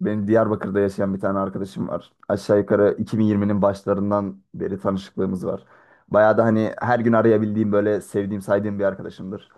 Benim Diyarbakır'da yaşayan bir tane arkadaşım var. Aşağı yukarı 2020'nin başlarından beri tanışıklığımız var. Bayağı da hani her gün arayabildiğim böyle sevdiğim saydığım bir arkadaşımdır.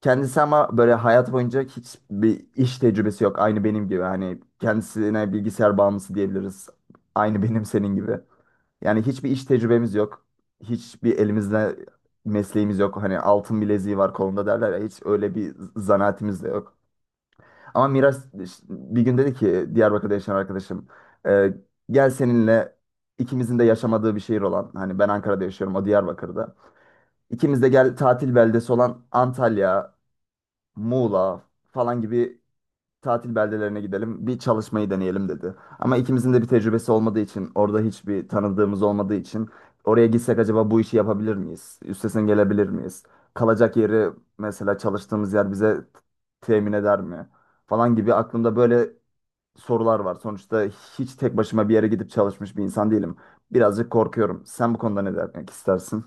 Kendisi ama böyle hayat boyunca hiçbir iş tecrübesi yok. Aynı benim gibi hani kendisine bilgisayar bağımlısı diyebiliriz. Aynı benim senin gibi. Yani hiçbir iş tecrübemiz yok. Hiçbir elimizde mesleğimiz yok. Hani altın bileziği var kolunda derler ya hiç öyle bir zanaatimiz de yok. Ama Miraç bir gün dedi ki Diyarbakır'da yaşayan arkadaşım e, gel seninle ikimizin de yaşamadığı bir şehir olan hani ben Ankara'da yaşıyorum o Diyarbakır'da. İkimiz de gel tatil beldesi olan Antalya, Muğla falan gibi tatil beldelerine gidelim bir çalışmayı deneyelim dedi. Ama ikimizin de bir tecrübesi olmadığı için orada hiçbir tanıdığımız olmadığı için oraya gitsek acaba bu işi yapabilir miyiz? Üstesinden gelebilir miyiz? Kalacak yeri mesela çalıştığımız yer bize temin eder mi, falan gibi aklımda böyle sorular var. Sonuçta hiç tek başıma bir yere gidip çalışmış bir insan değilim. Birazcık korkuyorum. Sen bu konuda ne demek istersin?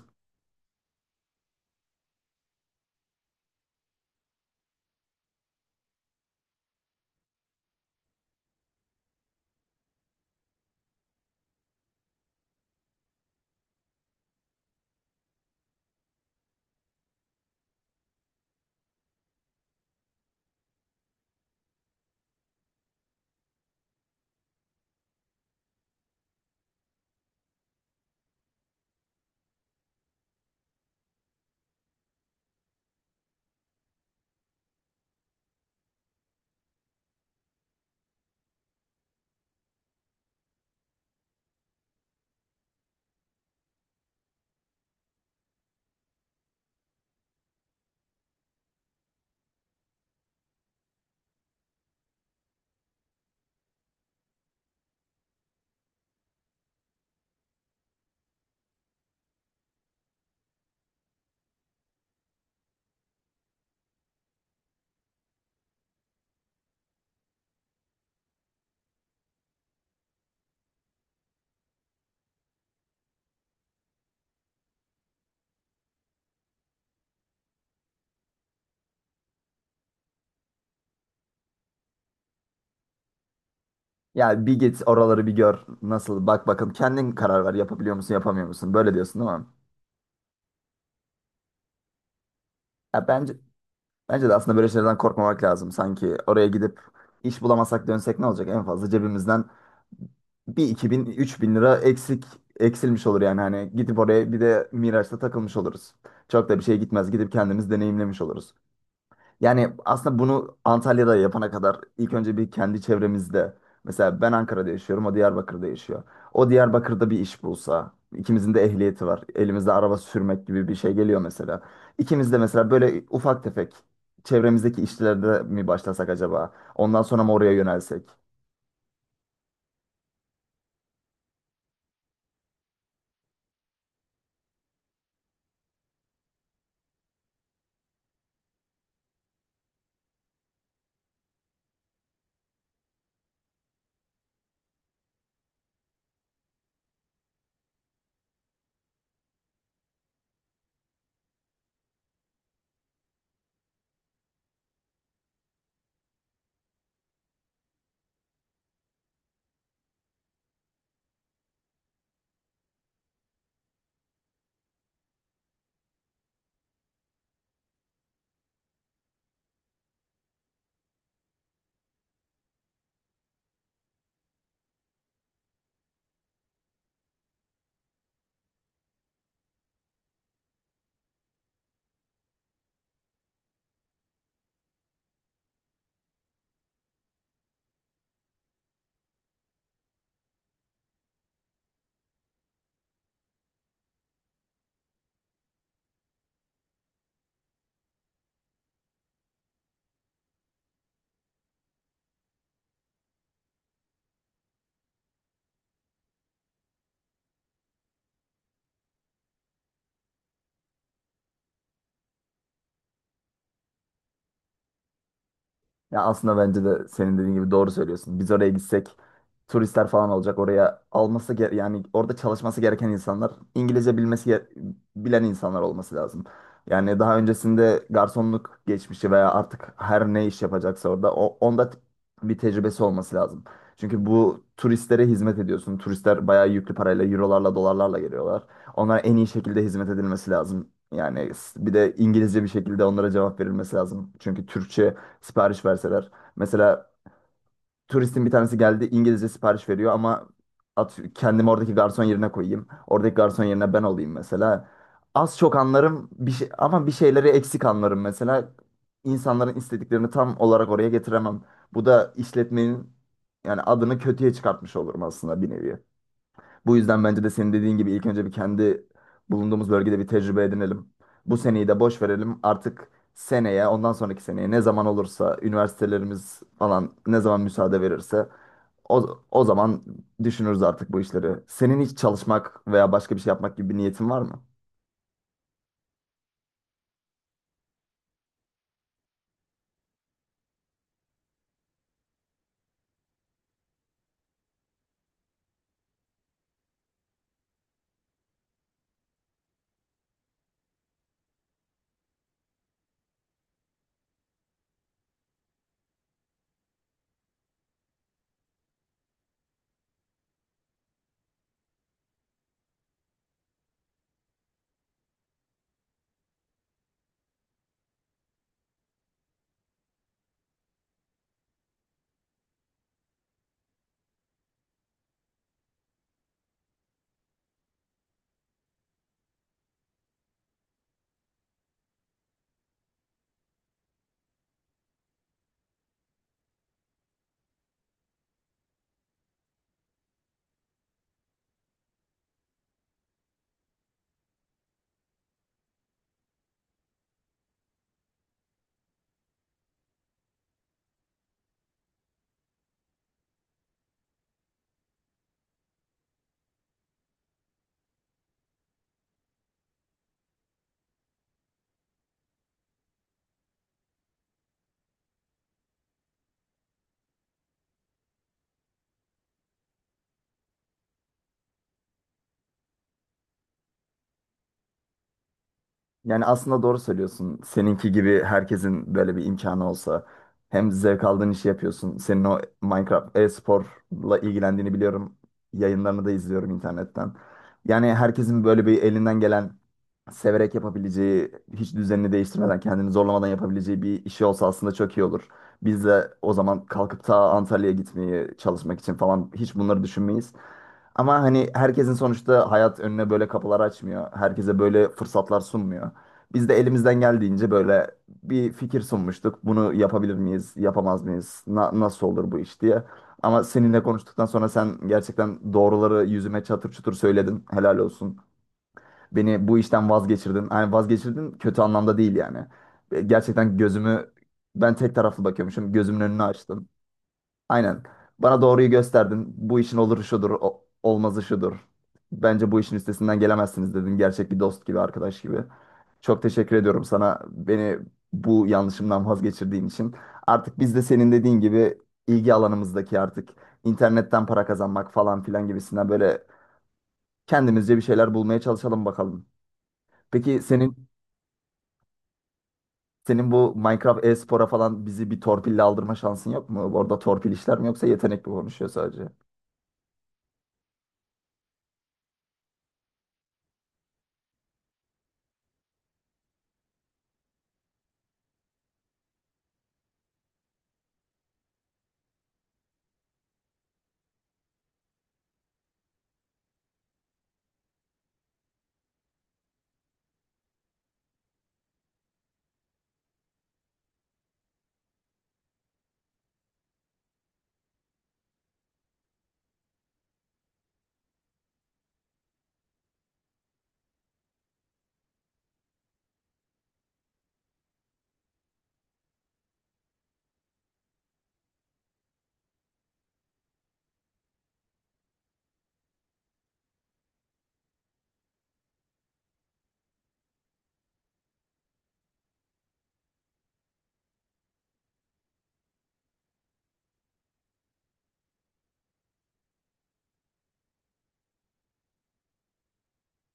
Yani bir git oraları bir gör. Nasıl? Bak bakalım kendin karar ver. Yapabiliyor musun, yapamıyor musun? Böyle diyorsun değil mi? Ya bence de aslında böyle şeylerden korkmamak lazım. Sanki oraya gidip iş bulamasak dönsek ne olacak? En fazla cebimizden bir iki bin üç bin lira eksik eksilmiş olur yani hani gidip oraya bir de Miraç'ta takılmış oluruz. Çok da bir şey gitmez. Gidip kendimiz deneyimlemiş oluruz. Yani aslında bunu Antalya'da yapana kadar ilk önce bir kendi çevremizde. Mesela ben Ankara'da yaşıyorum, o Diyarbakır'da yaşıyor. O Diyarbakır'da bir iş bulsa, ikimizin de ehliyeti var. Elimizde araba sürmek gibi bir şey geliyor mesela. İkimiz de mesela böyle ufak tefek çevremizdeki işlerde mi başlasak acaba? Ondan sonra mı oraya yönelsek? Ya aslında bence de senin dediğin gibi doğru söylüyorsun. Biz oraya gitsek turistler falan olacak. Oraya yani orada çalışması gereken insanlar İngilizce bilen insanlar olması lazım. Yani daha öncesinde garsonluk geçmişi veya artık her ne iş yapacaksa orada onda bir tecrübesi olması lazım. Çünkü bu turistlere hizmet ediyorsun. Turistler bayağı yüklü parayla, eurolarla, dolarlarla geliyorlar. Onlara en iyi şekilde hizmet edilmesi lazım. Yani bir de İngilizce bir şekilde onlara cevap verilmesi lazım. Çünkü Türkçe sipariş verseler. Mesela turistin bir tanesi geldi İngilizce sipariş veriyor ama kendimi oradaki garson yerine koyayım. Oradaki garson yerine ben olayım mesela. Az çok anlarım bir şey, ama bir şeyleri eksik anlarım mesela. İnsanların istediklerini tam olarak oraya getiremem. Bu da işletmenin yani adını kötüye çıkartmış olurum aslında bir nevi. Bu yüzden bence de senin dediğin gibi ilk önce bir kendi bulunduğumuz bölgede bir tecrübe edinelim. Bu seneyi de boş verelim. Artık seneye, ondan sonraki seneye ne zaman olursa, üniversitelerimiz falan ne zaman müsaade verirse o zaman düşünürüz artık bu işleri. Senin hiç çalışmak veya başka bir şey yapmak gibi bir niyetin var mı? Yani aslında doğru söylüyorsun. Seninki gibi herkesin böyle bir imkanı olsa hem zevk aldığın işi yapıyorsun. Senin o Minecraft e-sporla ilgilendiğini biliyorum. Yayınlarını da izliyorum internetten. Yani herkesin böyle bir elinden gelen severek yapabileceği, hiç düzenini değiştirmeden, kendini zorlamadan yapabileceği bir işi olsa aslında çok iyi olur. Biz de o zaman kalkıp ta Antalya'ya gitmeyi çalışmak için falan hiç bunları düşünmeyiz. Ama hani herkesin sonuçta hayat önüne böyle kapılar açmıyor. Herkese böyle fırsatlar sunmuyor. Biz de elimizden geldiğince böyle bir fikir sunmuştuk. Bunu yapabilir miyiz, yapamaz mıyız, nasıl olur bu iş diye. Ama seninle konuştuktan sonra sen gerçekten doğruları yüzüme çatır çutur söyledin. Helal olsun. Beni bu işten vazgeçirdin. Yani vazgeçirdin kötü anlamda değil yani. Gerçekten gözümü ben tek taraflı bakıyormuşum. Gözümün önünü açtın. Aynen. Bana doğruyu gösterdin. Bu işin oluru şudur, olmazı şudur. Bence bu işin üstesinden gelemezsiniz dedin. Gerçek bir dost gibi, arkadaş gibi. Çok teşekkür ediyorum sana beni bu yanlışımdan vazgeçirdiğin için. Artık biz de senin dediğin gibi ilgi alanımızdaki artık internetten para kazanmak falan filan gibisinden böyle kendimizce bir şeyler bulmaya çalışalım bakalım. Peki senin bu Minecraft e-spora falan bizi bir torpille aldırma şansın yok mu? Orada torpil işler mi yoksa yetenek mi konuşuyor sadece?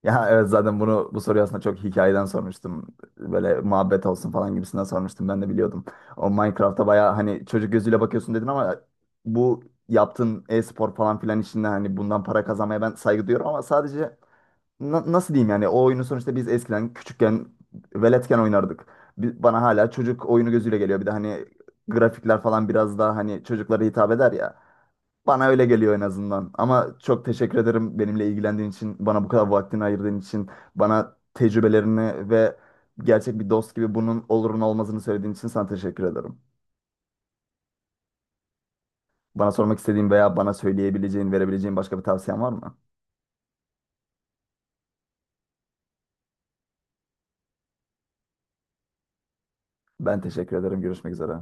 Ya evet zaten bunu bu soruyu aslında çok hikayeden sormuştum. Böyle muhabbet olsun falan gibisinden sormuştum. Ben de biliyordum. O Minecraft'a bayağı hani çocuk gözüyle bakıyorsun dedin ama bu yaptığın e-spor falan filan işinde hani bundan para kazanmaya ben saygı duyuyorum ama sadece nasıl diyeyim yani o oyunu sonuçta biz eskiden küçükken veletken oynardık. Bana hala çocuk oyunu gözüyle geliyor. Bir de hani grafikler falan biraz daha hani çocuklara hitap eder ya. Bana öyle geliyor en azından. Ama çok teşekkür ederim benimle ilgilendiğin için, bana bu kadar vaktini ayırdığın için, bana tecrübelerini ve gerçek bir dost gibi bunun olurun olmazını söylediğin için sana teşekkür ederim. Bana sormak istediğin veya bana söyleyebileceğin, verebileceğin başka bir tavsiyen var mı? Ben teşekkür ederim. Görüşmek üzere.